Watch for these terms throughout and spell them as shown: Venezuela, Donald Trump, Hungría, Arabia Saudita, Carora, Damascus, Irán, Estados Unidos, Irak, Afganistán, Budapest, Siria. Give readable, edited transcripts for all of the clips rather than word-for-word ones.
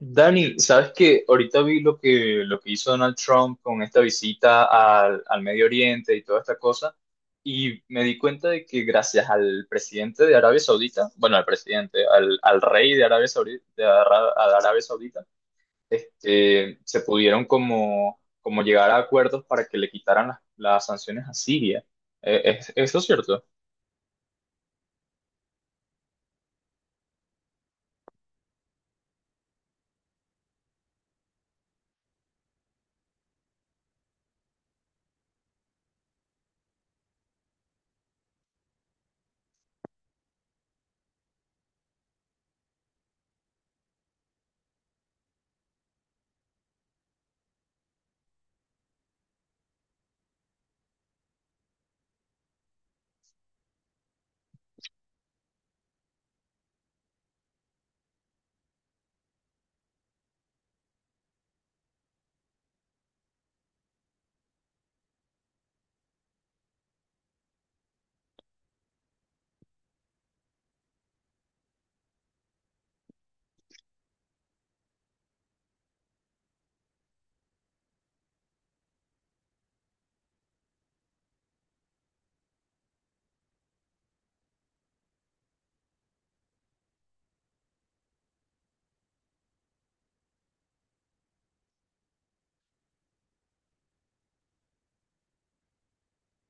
Dani, ¿sabes que ahorita vi lo que hizo Donald Trump con esta visita al, al Medio Oriente y toda esta cosa, y me di cuenta de que gracias al presidente de Arabia Saudita, bueno, al presidente, al, al rey de Arabia Saudita, a Arabia Saudita, se pudieron como, como llegar a acuerdos para que le quitaran las sanciones a Siria. ¿ eso es cierto?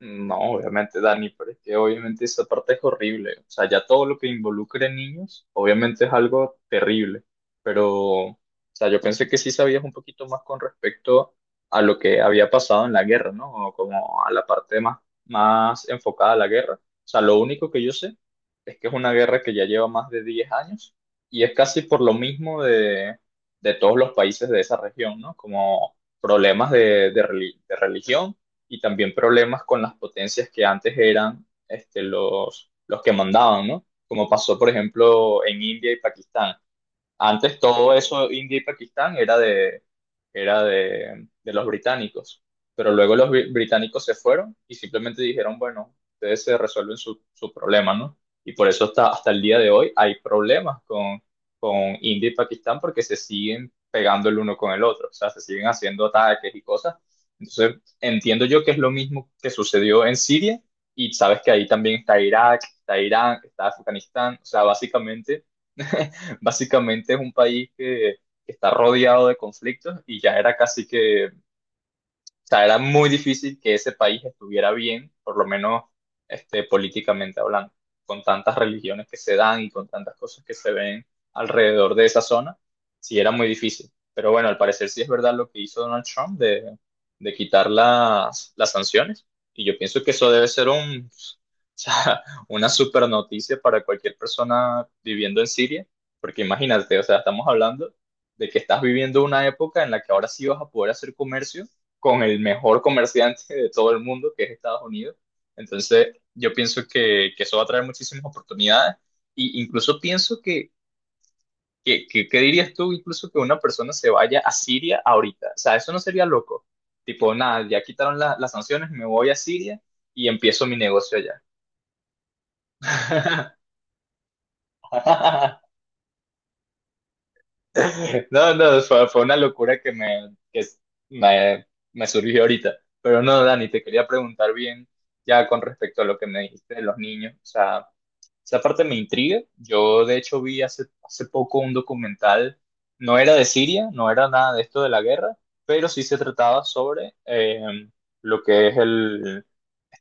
No, obviamente, Dani, pero es que obviamente esa parte es horrible. O sea, ya todo lo que involucre niños, obviamente es algo terrible. Pero, o sea, yo pensé que sí sabías un poquito más con respecto a lo que había pasado en la guerra, ¿no? O como a la parte más, más enfocada a la guerra. O sea, lo único que yo sé es que es una guerra que ya lleva más de 10 años y es casi por lo mismo de todos los países de esa región, ¿no? Como problemas de religión y también problemas con las potencias que antes eran los que mandaban, ¿no? Como pasó, por ejemplo, en India y Pakistán, antes todo eso, India y Pakistán, era de los británicos. Pero luego británicos se fueron y simplemente dijeron, bueno, ustedes se resuelven su, su problema, ¿no? Y por eso hasta, hasta el día de hoy hay problemas con India y Pakistán porque se siguen pegando el uno con el otro, o sea, se siguen haciendo ataques y cosas. Entonces, entiendo yo que es lo mismo que sucedió en Siria y sabes que ahí también está Irak, está Irán, está Afganistán, o sea, básicamente básicamente es un país que está rodeado de conflictos y ya era casi que sea, era muy difícil que ese país estuviera bien, por lo menos políticamente hablando, con tantas religiones que se dan y con tantas cosas que se ven alrededor de esa zona, sí era muy difícil. Pero bueno, al parecer sí es verdad lo que hizo Donald Trump de quitar las sanciones. Y yo pienso que eso debe ser un, o sea, una super noticia para cualquier persona viviendo en Siria, porque imagínate, o sea, estamos hablando de que estás viviendo una época en la que ahora sí vas a poder hacer comercio con el mejor comerciante de todo el mundo, que es Estados Unidos. Entonces, yo pienso que eso va a traer muchísimas oportunidades. Y incluso pienso que, ¿qué dirías tú? Incluso que una persona se vaya a Siria ahorita. O sea, eso no sería loco. Tipo, nada, las sanciones, me voy a Siria y empiezo mi negocio allá. No, no, fue, fue una locura que me, me, me surgió ahorita. Pero no, Dani, te quería preguntar bien ya con respecto a lo que me dijiste de los niños. O sea, esa parte me intriga. Yo, de hecho, vi hace, hace poco un documental, no era de Siria, no era nada de esto de la guerra, pero sí se trataba sobre lo que es el,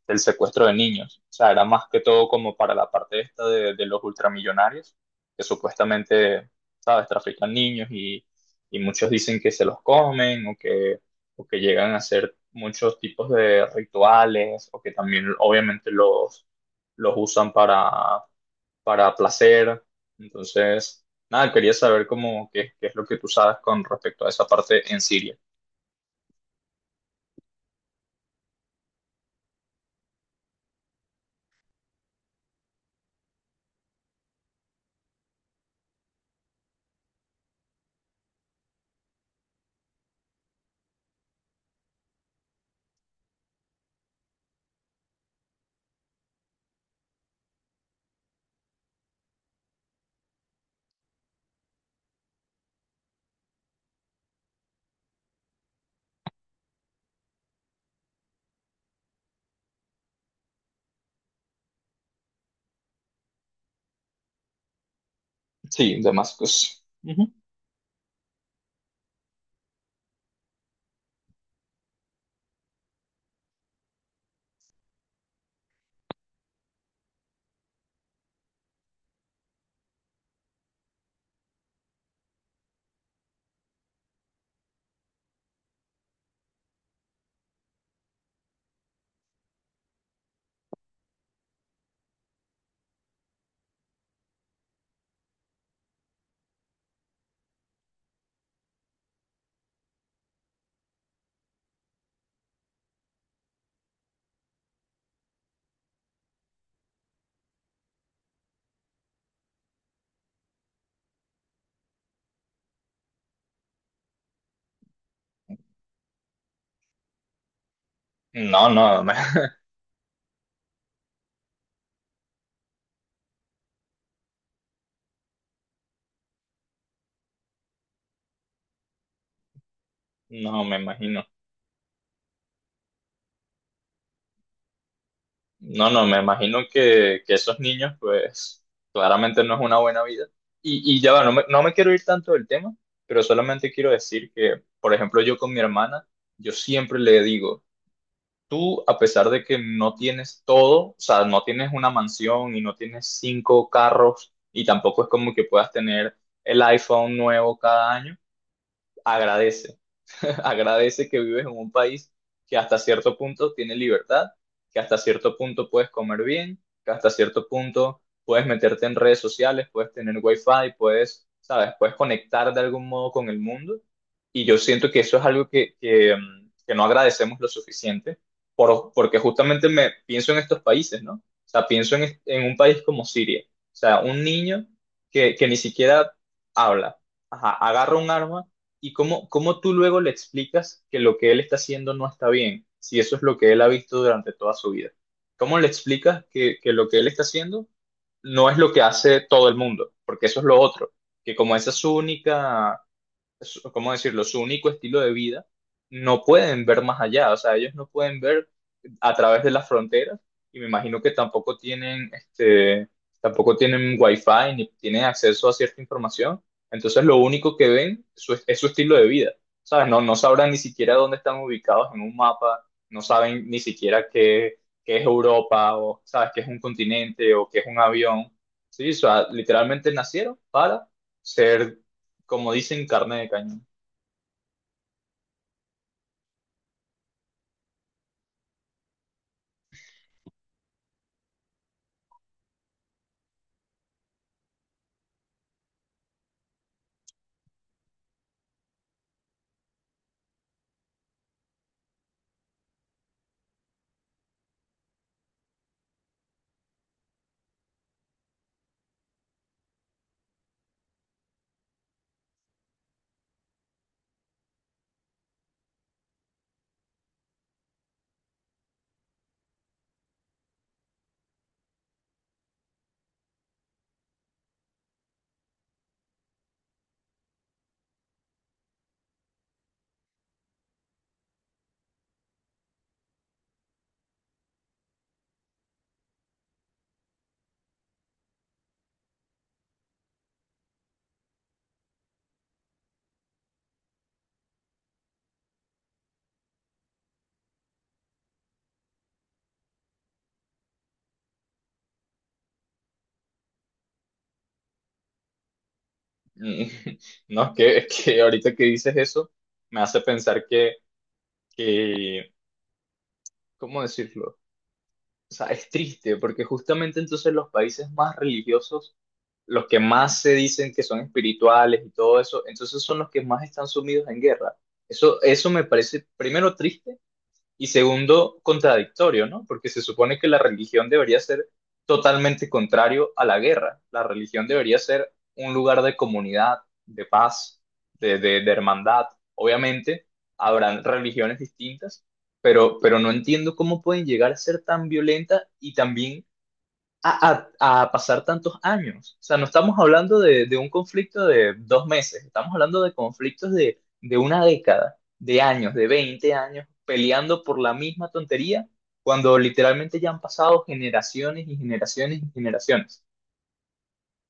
del secuestro de niños. O sea, era más que todo como para la parte esta de los ultramillonarios, que supuestamente, ¿sabes?, trafican niños y muchos dicen que se los comen o que llegan a hacer muchos tipos de rituales o que también obviamente los usan para placer. Entonces, nada, quería saber cómo, qué, qué es lo que tú sabes con respecto a esa parte en Siria. Sí, Damascus. Ujú. No, no, no me imagino. No, no, me imagino que esos niños, pues, claramente no es una buena vida. Y ya va, no me, no me quiero ir tanto del tema, pero solamente quiero decir que, por ejemplo, yo con mi hermana, yo siempre le digo, tú, a pesar de que no tienes todo, o sea, no tienes una mansión y no tienes 5 carros, y tampoco es como que puedas tener el iPhone nuevo cada año, agradece agradece que vives en un país que hasta cierto punto tiene libertad, que hasta cierto punto puedes comer bien, que hasta cierto punto puedes meterte en redes sociales, puedes tener wifi, puedes, sabes, puedes conectar de algún modo con el mundo. Y yo siento que eso es algo que, que no agradecemos lo suficiente, porque justamente me pienso en estos países, ¿no? O sea, pienso en, en un país como Siria. O sea, un niño que ni siquiera habla, ajá, agarra un arma. ¿Y cómo, cómo tú luego le explicas que lo que él está haciendo no está bien, si eso es lo que él ha visto durante toda su vida? ¿Cómo le explicas que lo que él está haciendo no es lo que hace todo el mundo? Porque eso es lo otro, que como esa es su única ¿cómo decirlo?, su único estilo de vida, no pueden ver más allá, o sea, ellos no pueden ver a través de las fronteras y me imagino que tampoco tienen, tampoco tienen wifi ni tienen acceso a cierta información, entonces lo único que ven es su estilo de vida, ¿sabes? No, no sabrán ni siquiera dónde están ubicados en un mapa, no saben ni siquiera qué, qué es Europa o, ¿sabes?, qué es un continente o qué es un avión, ¿sí? O sea, literalmente nacieron para ser, como dicen, carne de cañón. Mm. No, es que ahorita que dices eso, me hace pensar que, ¿cómo decirlo? O sea, es triste, porque justamente entonces los países más religiosos, los que más se dicen que son espirituales y todo eso, entonces son los que más están sumidos en guerra. Eso me parece, primero, triste y segundo, contradictorio, ¿no? Porque se supone que la religión debería ser totalmente contrario a la guerra. La religión debería ser un lugar de comunidad, de paz, de hermandad. Obviamente, habrán religiones distintas, pero no entiendo cómo pueden llegar a ser tan violenta y también a, a pasar tantos años. O sea, no estamos hablando de un conflicto de 2 meses, estamos hablando de conflictos de una década, de años, de 20 años, peleando por la misma tontería, cuando literalmente ya han pasado generaciones y generaciones y generaciones.